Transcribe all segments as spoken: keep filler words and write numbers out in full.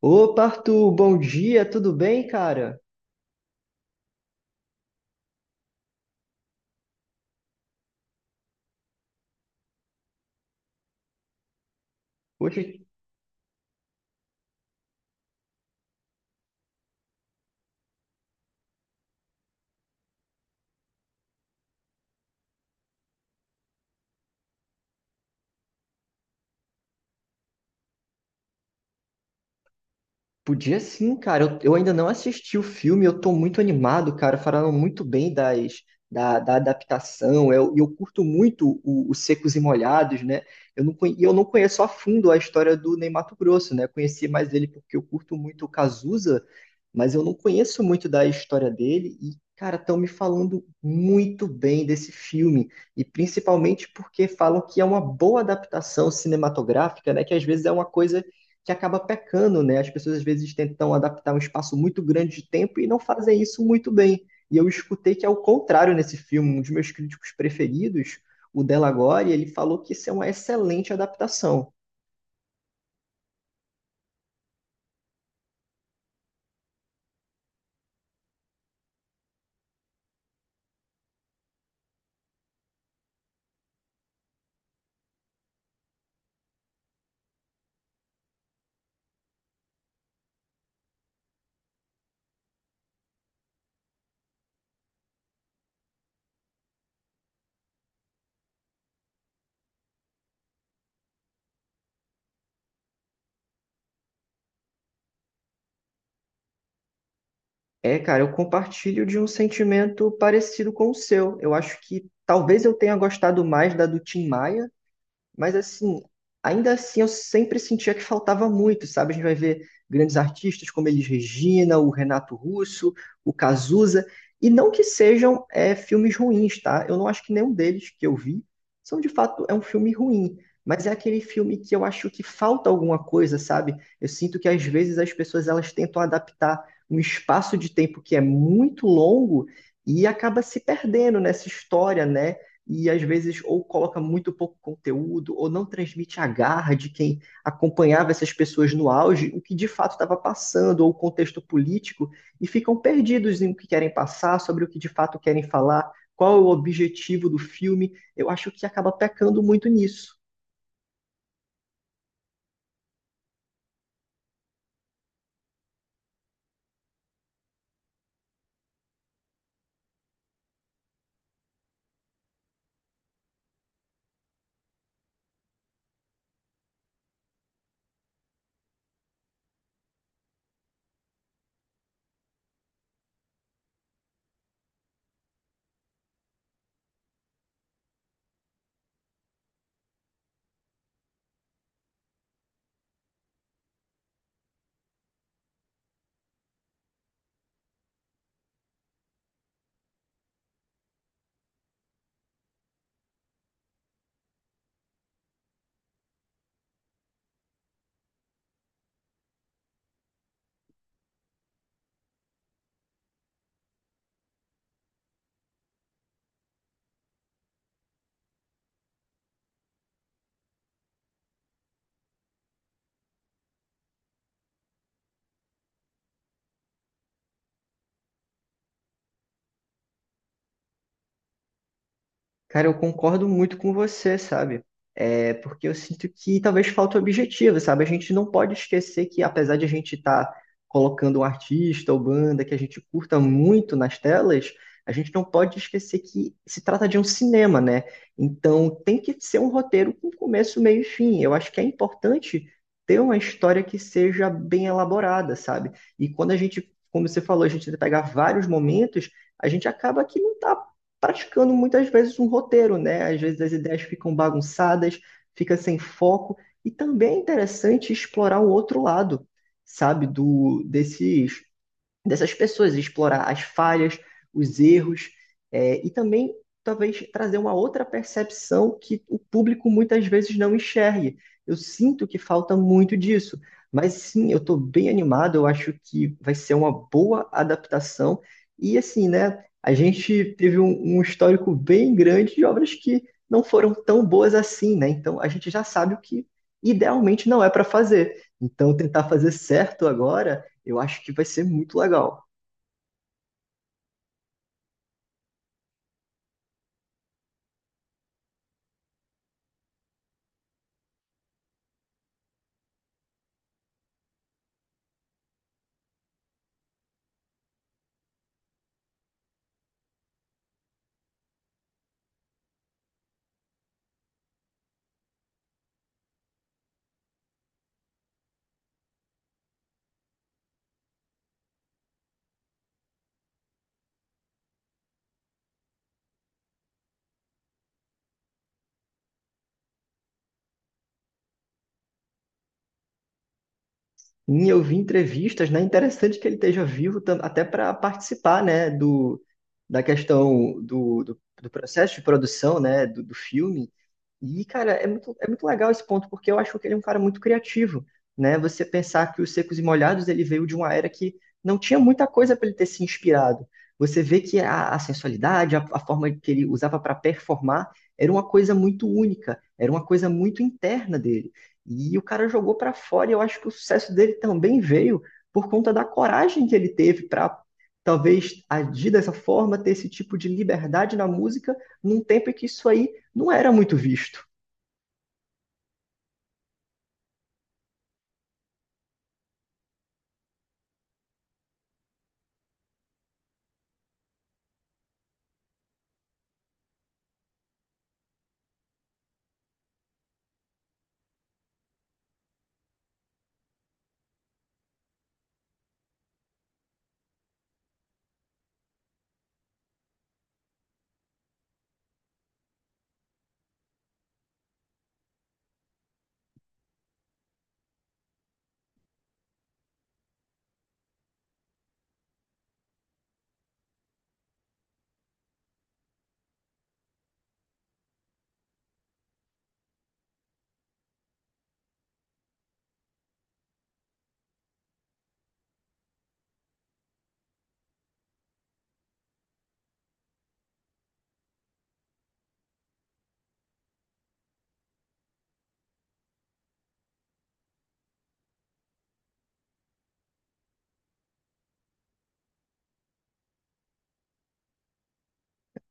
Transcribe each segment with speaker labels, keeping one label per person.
Speaker 1: Opa, Arthur, bom dia, tudo bem, cara? Poxa. Podia sim, cara. Eu, eu ainda não assisti o filme, eu tô muito animado, cara. Falaram muito bem das, da, da adaptação. Eu, e eu curto muito o, o Secos e Molhados, né? Eu não, conhe- eu não conheço a fundo a história do Ney Matogrosso, né? Eu conheci mais ele porque eu curto muito o Cazuza, mas eu não conheço muito da história dele. E, cara, estão me falando muito bem desse filme. E principalmente porque falam que é uma boa adaptação cinematográfica, né? Que às vezes é uma coisa que acaba pecando, né? As pessoas às vezes tentam adaptar um espaço muito grande de tempo e não fazem isso muito bem. E eu escutei que é o contrário nesse filme. Um dos meus críticos preferidos, o Delagore, ele falou que isso é uma excelente adaptação. É, cara, eu compartilho de um sentimento parecido com o seu. Eu acho que talvez eu tenha gostado mais da do Tim Maia. Mas assim, ainda assim eu sempre sentia que faltava muito, sabe? A gente vai ver grandes artistas como Elis Regina, o Renato Russo, o Cazuza, e não que sejam é, filmes ruins, tá? Eu não acho que nenhum deles que eu vi são de fato é um filme ruim, mas é aquele filme que eu acho que falta alguma coisa, sabe? Eu sinto que às vezes as pessoas elas tentam adaptar um espaço de tempo que é muito longo e acaba se perdendo nessa história, né? E às vezes ou coloca muito pouco conteúdo ou não transmite a garra de quem acompanhava essas pessoas no auge, o que de fato estava passando ou o contexto político, e ficam perdidos em o que querem passar, sobre o que de fato querem falar, qual é o objetivo do filme. Eu acho que acaba pecando muito nisso. Cara, eu concordo muito com você, sabe? É porque eu sinto que talvez falta objetivo, sabe? A gente não pode esquecer que, apesar de a gente estar colocando um artista ou banda que a gente curta muito nas telas, a gente não pode esquecer que se trata de um cinema, né? Então tem que ser um roteiro com começo, meio e fim. Eu acho que é importante ter uma história que seja bem elaborada, sabe? E quando a gente, como você falou, a gente pegar vários momentos, a gente acaba que não está praticando muitas vezes um roteiro, né? Às vezes as ideias ficam bagunçadas, fica sem foco, e também é interessante explorar o outro lado, sabe, do desses dessas pessoas, explorar as falhas, os erros, é, e também talvez trazer uma outra percepção que o público muitas vezes não enxergue. Eu sinto que falta muito disso, mas sim, eu estou bem animado, eu acho que vai ser uma boa adaptação. E assim, né, a gente teve um, um histórico bem grande de obras que não foram tão boas assim, né? Então a gente já sabe o que idealmente não é para fazer. Então tentar fazer certo agora eu acho que vai ser muito legal. E eu vi entrevistas, né? Interessante que ele esteja vivo tam- até para participar, né, do, da questão do, do, do processo de produção, né, do, do filme. E, cara, é muito, é muito legal esse ponto, porque eu acho que ele é um cara muito criativo, né? Você pensar que os Secos e Molhados, ele veio de uma era que não tinha muita coisa para ele ter se inspirado. Você vê que a, a sensualidade, a, a forma que ele usava para performar, era uma coisa muito única, era uma coisa muito interna dele. E o cara jogou para fora, e eu acho que o sucesso dele também veio por conta da coragem que ele teve para talvez agir dessa forma, ter esse tipo de liberdade na música, num tempo em que isso aí não era muito visto.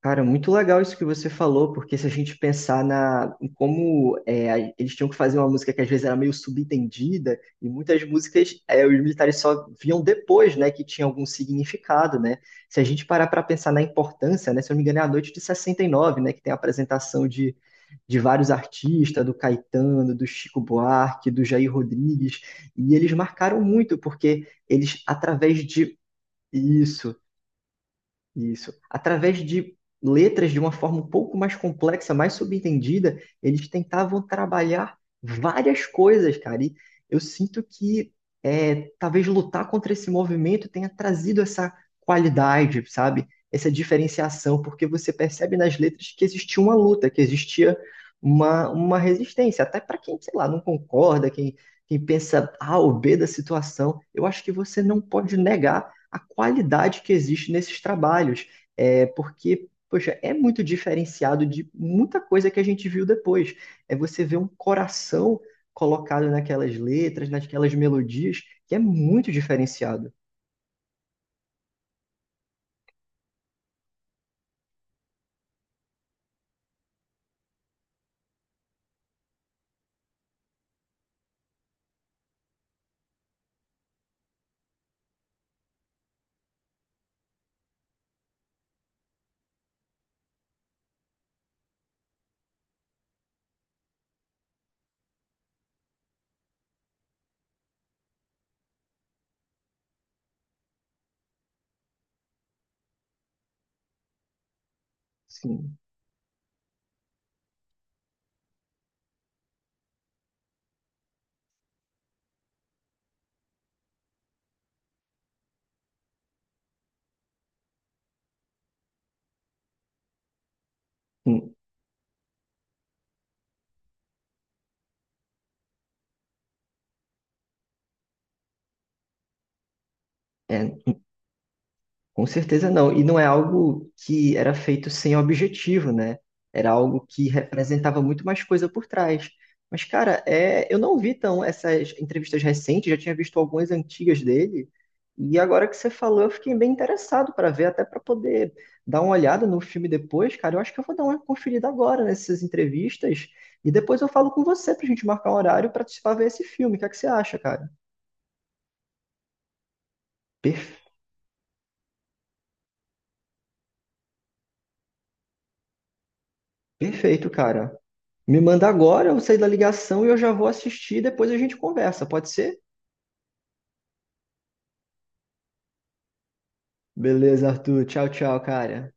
Speaker 1: Cara, muito legal isso que você falou, porque se a gente pensar na, em como é, a- eles tinham que fazer uma música que às vezes era meio subentendida, e muitas músicas é, os militares só viam depois, né, que tinha algum significado, né? Se a gente parar para pensar na importância, né, se eu não me engano é a noite de sessenta e nove, né, que tem a apresentação de, de vários artistas, do Caetano, do Chico Buarque, do Jair Rodrigues, e eles marcaram muito, porque eles, através de... Isso, isso. Através de letras de uma forma um pouco mais complexa, mais subentendida, eles tentavam trabalhar várias coisas, cara. E eu sinto que é, talvez lutar contra esse movimento tenha trazido essa qualidade, sabe? Essa diferenciação, porque você percebe nas letras que existia uma luta, que existia uma, uma resistência, até para quem, sei lá, não concorda, quem, quem pensa A ou B da situação. Eu acho que você não pode negar a qualidade que existe nesses trabalhos, é, porque, poxa, é muito diferenciado de muita coisa que a gente viu depois. É você ver um coração colocado naquelas letras, naquelas melodias, que é muito diferenciado. Sim. Hum. É. Com certeza não. E não é algo que era feito sem objetivo, né? Era algo que representava muito mais coisa por trás. Mas, cara, é, eu não vi tão essas entrevistas recentes, já tinha visto algumas antigas dele. E agora que você falou, eu fiquei bem interessado para ver, até para poder dar uma olhada no filme depois, cara. Eu acho que eu vou dar uma conferida agora nessas entrevistas. E depois eu falo com você pra gente marcar um horário para participar ver esse filme. O que é que você acha, cara? Per- Perfeito, cara. Me manda agora, eu sair da ligação e eu já vou assistir, depois a gente conversa, pode ser? Beleza, Arthur. Tchau, tchau, cara.